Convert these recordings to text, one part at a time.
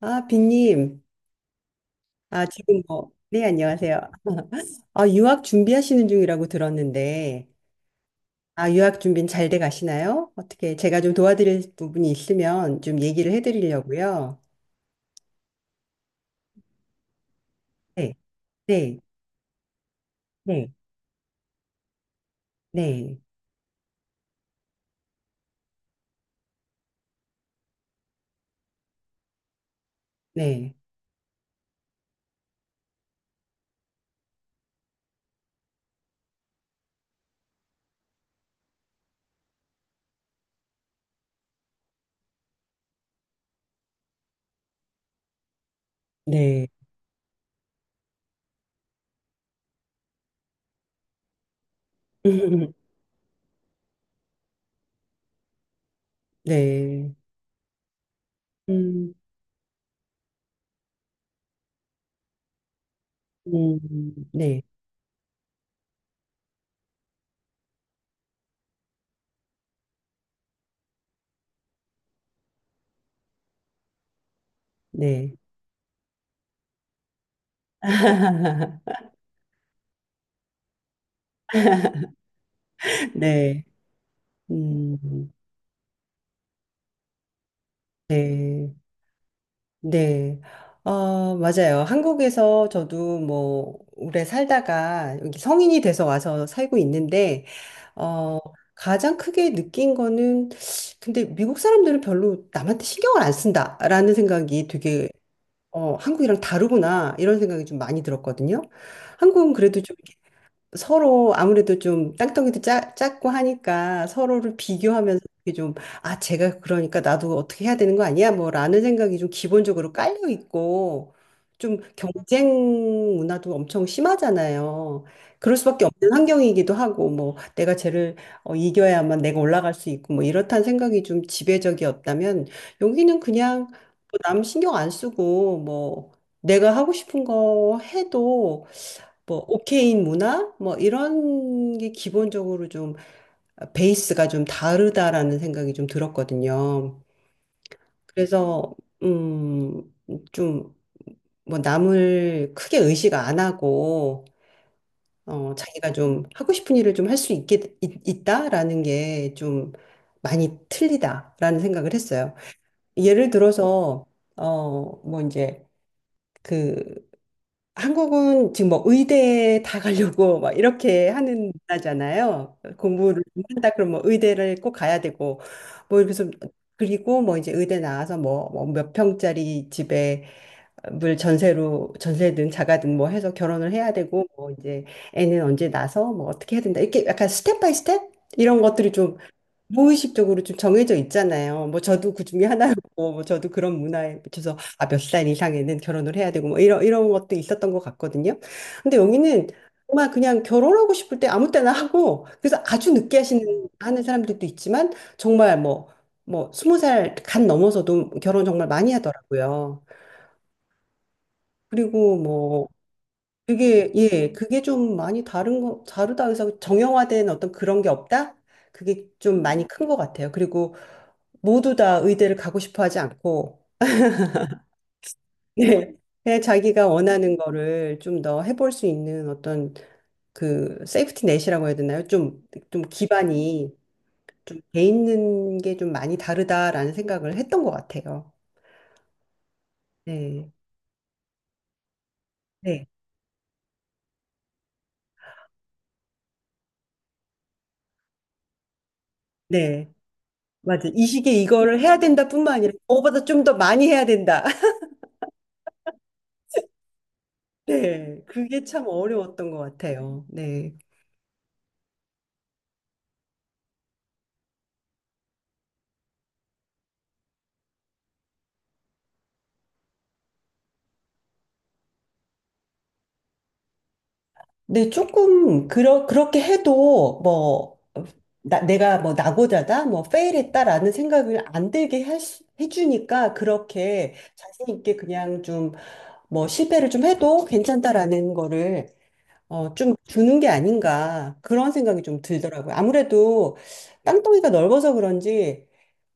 아, 빈님. 아, 지금 뭐, 네, 안녕하세요. 아, 유학 준비하시는 중이라고 들었는데, 아, 유학 준비는 잘 돼 가시나요? 어떻게, 제가 좀 도와드릴 부분이 있으면 좀 얘기를 해드리려고요. 네, 네, 네, 네, 네, 네, 네, 음, 네, 네, 네, 음, 네. 네. 아, 맞아요. 한국에서 저도 뭐, 오래 살다가 여기 성인이 돼서 와서 살고 있는데, 어, 가장 크게 느낀 거는, 근데 미국 사람들은 별로 남한테 신경을 안 쓴다라는 생각이 되게, 한국이랑 다르구나, 이런 생각이 좀 많이 들었거든요. 한국은 그래도 좀 서로 아무래도 좀 땅덩이도 작고 하니까 서로를 비교하면서 이게 좀, 아, 제가 그러니까 나도 어떻게 해야 되는 거 아니야? 뭐 라는 생각이 좀 기본적으로 깔려 있고 좀 경쟁 문화도 엄청 심하잖아요. 그럴 수밖에 없는 환경이기도 하고 뭐 내가 쟤를 이겨야만 내가 올라갈 수 있고 뭐 이렇다는 생각이 좀 지배적이었다면 여기는 그냥 뭐남 신경 안 쓰고 뭐 내가 하고 싶은 거 해도 뭐 오케인 문화 뭐 이런 게 기본적으로 좀 베이스가 좀 다르다라는 생각이 좀 들었거든요. 그래서 음좀 뭐 남을 크게 의식 안 하고 자기가 좀 하고 싶은 일을 좀 할 수 있다라는 게 좀 많이 틀리다라는 생각을 했어요. 예를 들어서 뭐 이제 그 한국은 지금 뭐 의대에 다 가려고 막 이렇게 하는 나라잖아요. 공부를 좀 한다 그러면 뭐 의대를 꼭 가야 되고 뭐 이래서 그리고 뭐 이제 의대 나와서 뭐 몇 평짜리 집에 물 전세로 전세든 자가든 뭐 해서 결혼을 해야 되고 뭐 이제 애는 언제 낳아서 뭐 어떻게 해야 된다 이렇게 약간 스텝 바이 스텝 이런 것들이 좀 무의식적으로 좀 정해져 있잖아요. 뭐 저도 그 중에 하나였고, 뭐 저도 그런 문화에 비춰서 아, 몇 살 이상에는 결혼을 해야 되고, 뭐 이런 것도 있었던 것 같거든요. 근데 여기는 정말 그냥 결혼하고 싶을 때 아무 때나 하고, 그래서 아주 늦게 하는 사람들도 있지만, 정말 뭐, 뭐, 20살 간 넘어서도 결혼 정말 많이 하더라고요. 그리고 뭐, 그게, 예, 그게 좀 많이 다르다 해서 정형화된 어떤 그런 게 없다? 그게 좀 많이 큰 것 같아요. 그리고 모두 다 의대를 가고 싶어 하지 않고, 예 그냥 자기가 원하는 거를 좀 더 해볼 수 있는 어떤 그 세이프티 넷이라고 해야 되나요? 좀 기반이 좀 돼 있는 게 좀 많이 다르다라는 생각을 했던 것 같아요. 네, 네, 네. 맞아. 이 시기에 이거를 해야 된다 뿐만 아니라 그거보다 좀 더 많이 해야 된다. 네, 그게 참 어려웠던 것 같아요. 네. 근데 조금 그렇게 해도 뭐 어, 내가 뭐 낙오자다 뭐 페일했다라는 생각을 안 들게 해주니까 그렇게 자신 있게 그냥 좀 뭐 실패를 좀 해도 괜찮다라는 거를 좀 주는 게 아닌가 그런 생각이 좀 들더라고요. 아무래도 땅덩이가 넓어서 그런지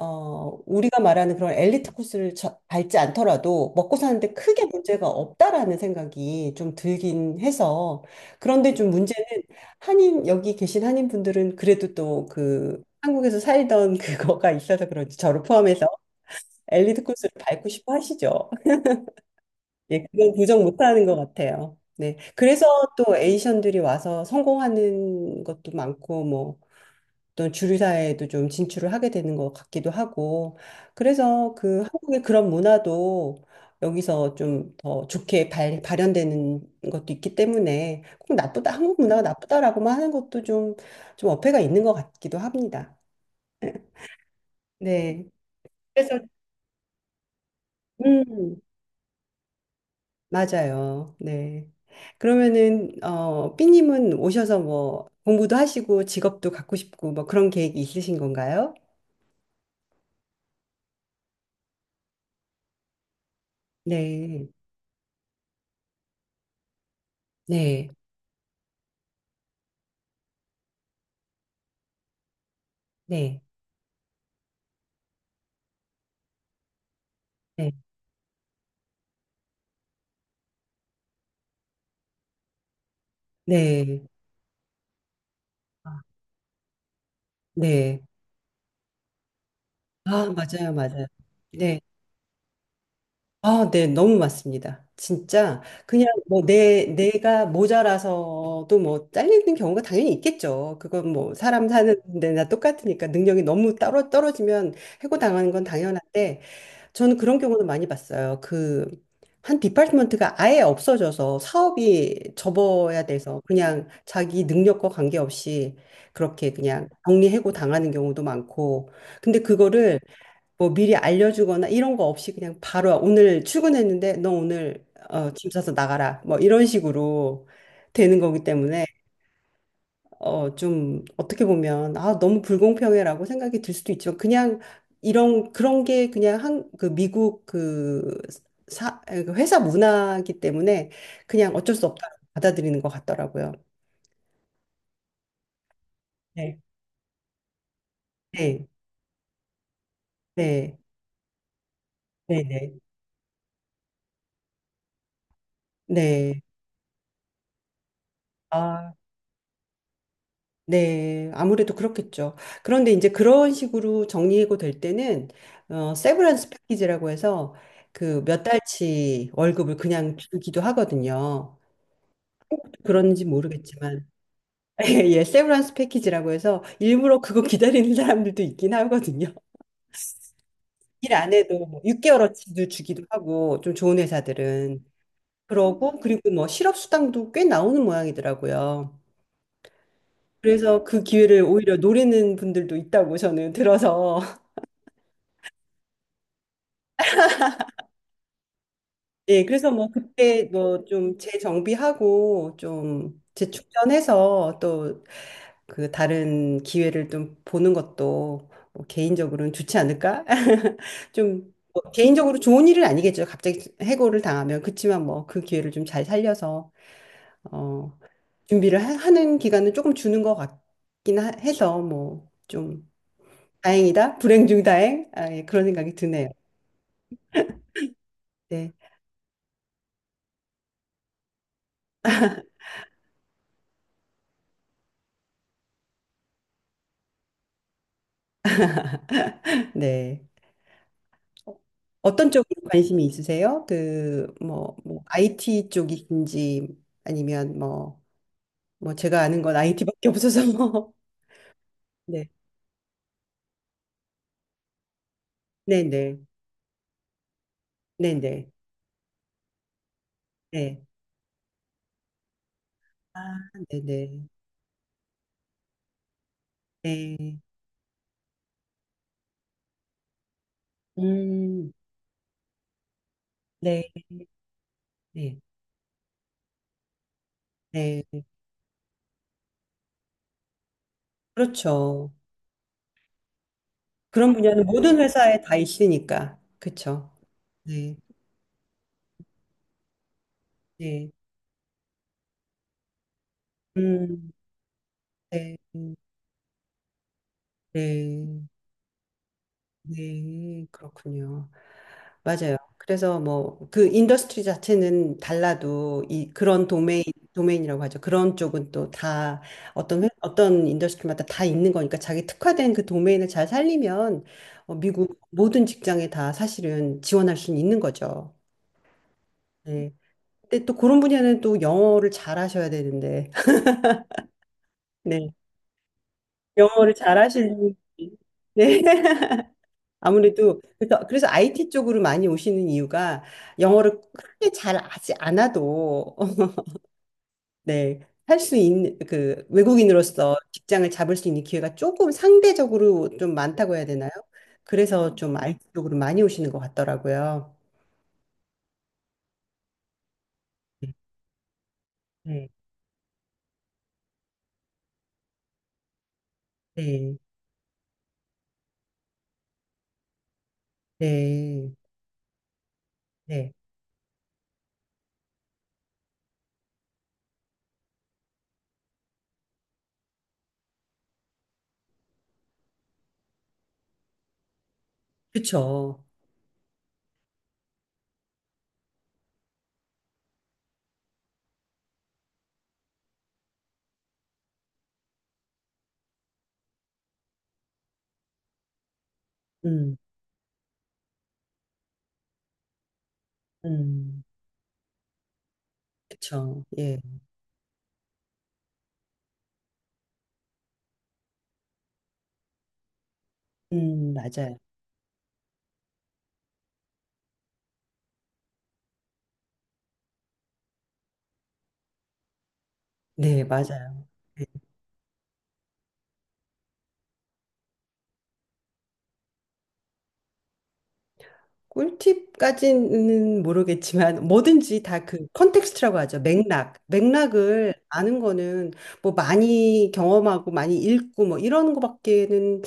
우리가 말하는 그런 엘리트 코스를 밟지 않더라도 먹고 사는데 크게 문제가 없다라는 생각이 좀 들긴 해서 그런데 좀 문제는 한인 여기 계신 한인 분들은 그래도 또 그 한국에서 살던 그거가 있어서 그런지 저를 포함해서 엘리트 코스를 밟고 싶어 하시죠. 예, 그건 부정 못하는 것 같아요. 네, 그래서 또 에이션들이 와서 성공하는 것도 많고 뭐, 또 주류 사회에도 좀 진출을 하게 되는 것 같기도 하고 그래서 그 한국의 그런 문화도 여기서 좀 더 좋게 발현되는 것도 있기 때문에 꼭 나쁘다 한국 문화가 나쁘다라고만 하는 것도 좀 좀 어폐가 있는 것 같기도 합니다. 네. 그래서 음 맞아요. 네. 그러면은 어 삐님은 오셔서 뭐 공부도 하시고 직업도 갖고 싶고 뭐 그런 계획이 있으신 건가요? 네. 네. 네. 네. 네. 아, 네. 아, 맞아요, 맞아요. 네. 아, 네. 너무 맞습니다. 진짜 그냥 뭐 내가 모자라서도 뭐 잘리는 경우가 당연히 있겠죠. 그건 뭐 사람 사는 데나 똑같으니까 능력이 너무 따로 떨어지면 해고당하는 건 당연한데 저는 그런 경우는 많이 봤어요. 그, 한 디파트먼트가 아예 없어져서 사업이 접어야 돼서 그냥 자기 능력과 관계없이 그렇게 그냥 정리해고 당하는 경우도 많고. 근데 그거를 뭐 미리 알려주거나 이런 거 없이 그냥 바로 오늘 출근했는데 너 오늘 짐 싸서 나가라. 뭐 이런 식으로 되는 거기 때문에 좀 어떻게 보면 아, 너무 불공평해라고 생각이 들 수도 있지만 그냥 이런 그런 게 그냥 한 그 미국 그 그 회사 문화이기 때문에 그냥 어쩔 수 없다고 받아들이는 것 같더라고요. 네. 네. 네. 네. 네. 네. 아, 네. 아무래도 그렇겠죠. 그런데 이제 그런 식으로 정리해고 될 때는 세브란스 패키지라고 해서 그 몇 달치 월급을 그냥 주기도 하거든요. 그런지 모르겠지만 예, 예, 세브란스 패키지라고 해서 일부러 그거 기다리는 사람들도 있긴 하거든요. 일 안 해도 뭐 6개월어치도 주기도 하고 좀 좋은 회사들은 그러고 그리고 뭐 실업 수당도 꽤 나오는 모양이더라고요. 그래서 그 기회를 오히려 노리는 분들도 있다고 저는 들어서 예, 그래서 뭐 그때 뭐 좀 재정비하고 좀 재충전해서 또 그 다른 기회를 좀 보는 것도 뭐 개인적으로는 좋지 않을까? 좀뭐 개인적으로 좋은 일은 아니겠죠. 갑자기 해고를 당하면. 그치만 뭐 그 기회를 좀 잘 살려서 어, 준비를 하는 기간은 조금 주는 것 같긴 해서 뭐 좀 다행이다. 불행 중 다행. 아, 예, 그런 생각이 드네요. 네. 네. 어떤 쪽으로 관심이 있으세요? 그, 뭐, 뭐, IT 쪽이신지 아니면 뭐, 뭐, 제가 아는 건 IT밖에 없어서 뭐. 네, 네네, 네네, 네. 아, 네네, 네. 음, 네, 네, 네. 그렇죠. 그런 분야는 모든 회사에 다 있으니까. 그렇죠. 네, 네. 음, 네, 네, 네. 그렇군요. 맞아요. 그래서 뭐 그 인더스트리 자체는 달라도 이 그런 도메인 도메인이라고 하죠. 그런 쪽은 또 다 어떤 인더스트리마다 다 있는 거니까 자기 특화된 그 도메인을 잘 살리면 미국 모든 직장에 다 사실은 지원할 수는 있는 거죠. 네. 근데 또 그런 분야는 또 영어를 잘 하셔야 되는데 네. 영어를 잘 하시는 분이- 네. 아무래도 그래서 그래서 IT 쪽으로 많이 오시는 이유가 영어를 크게 잘 하지 않아도 어 네, 할 수 있는 그 외국인으로서 직장을 잡을 수 있는 기회가 조금 상대적으로 좀 많다고 해야 되나요? 그래서 좀알 t 쪽으로 많이 오시는 것 같더라고요. 네, 네, 네, 네, 그쵸. 음, 음, 그쵸. 예, 맞아요. 네, 맞아요. 네. 꿀팁까지는 모르겠지만 뭐든지 다 그 컨텍스트라고 하죠. 맥락. 맥락을 아는 거는 뭐 많이 경험하고 많이 읽고 뭐 이런 거밖에는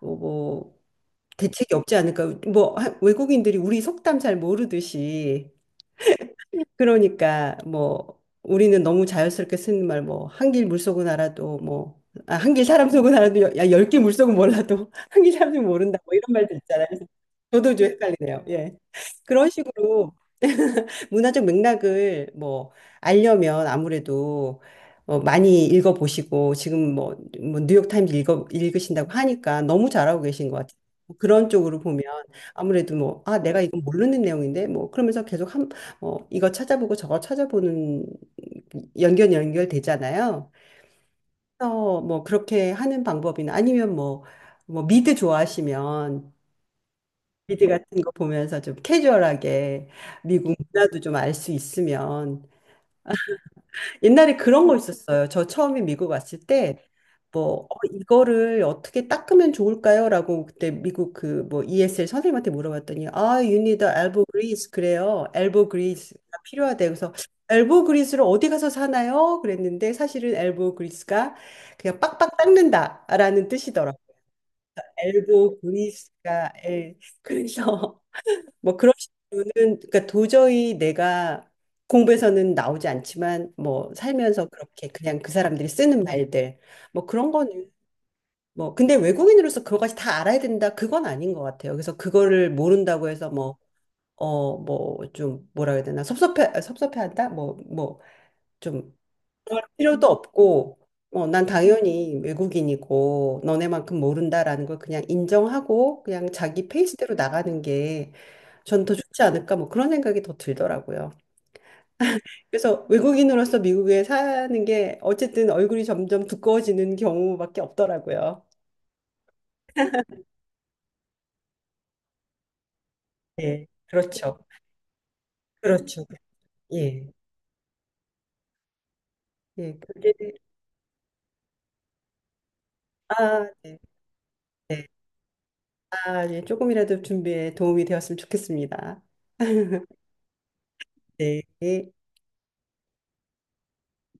뭐, 뭐 대책이 없지 않을까. 뭐 외국인들이 우리 속담 잘 모르듯이 그러니까 뭐 우리는 너무 자연스럽게 쓰는 말 뭐 한길 물속은 알아도 뭐 아, 한길 사람 속은 알아도 야, 열길 물속은 몰라도 한길 사람 속은 모른다 뭐 이런 말들 저도 좀 헷갈리네요. 예. 그런 식으로 문화적 맥락을 뭐 알려면 아무래도 많이 읽어보시고 지금 뭐, 뭐 뉴욕타임즈 읽으신다고 하니까 너무 잘하고 계신 것 같아요. 뭐 그런 쪽으로 보면 아무래도 뭐, 아, 내가 이건 모르는 내용인데 뭐 그러면서 계속 한, 이거 찾아보고 저거 찾아보는 연결 연결되잖아요. 그래서 뭐 그렇게 하는 방법이나 아니면 뭐, 뭐 미드 좋아하시면 미드 같은 거 보면서 좀 캐주얼하게 미국 문화도 좀 알 수 있으면 옛날에 그런 거 있었어요. 저 처음에 미국 왔을 때 뭐, 이거를 어떻게 닦으면 좋을까요? 라고 그때 미국 그 뭐 ESL 선생님한테 물어봤더니, 아, you need a elbow grease. 그래요. elbow grease가 필요하대요. 그래서 elbow grease를 어디 가서 사나요? 그랬는데 사실은 elbow grease가 그냥 빡빡 닦는다라는 뜻이더라고요. elbow grease가, 예. 그래서 뭐 그런 식으로는 그러니까 도저히 내가 공부에서는 나오지 않지만 뭐 살면서 그렇게 그냥 그 사람들이 쓰는 말들 뭐 그런 거는 뭐 근데 외국인으로서 그거까지 다 알아야 된다 그건 아닌 것 같아요. 그래서 그거를 모른다고 해서 뭐 뭐 좀 뭐라 해야 되나 섭섭해한다 뭐뭐좀 그럴 필요도 없고, 난 당연히 외국인이고 너네만큼 모른다라는 걸 그냥 인정하고 그냥 자기 페이스대로 나가는 게 전 더 좋지 않을까 뭐 그런 생각이 더 들더라고요. 그래서 외국인으로서 미국에 사는 게 어쨌든 얼굴이 점점 두꺼워지는 경우밖에 없더라고요. 네, 그렇죠. 그렇죠. 예. 예, 그게 아, 네, 네. 아, 예, 조금이라도 준비에 도움이 되었으면 좋겠습니다. 네.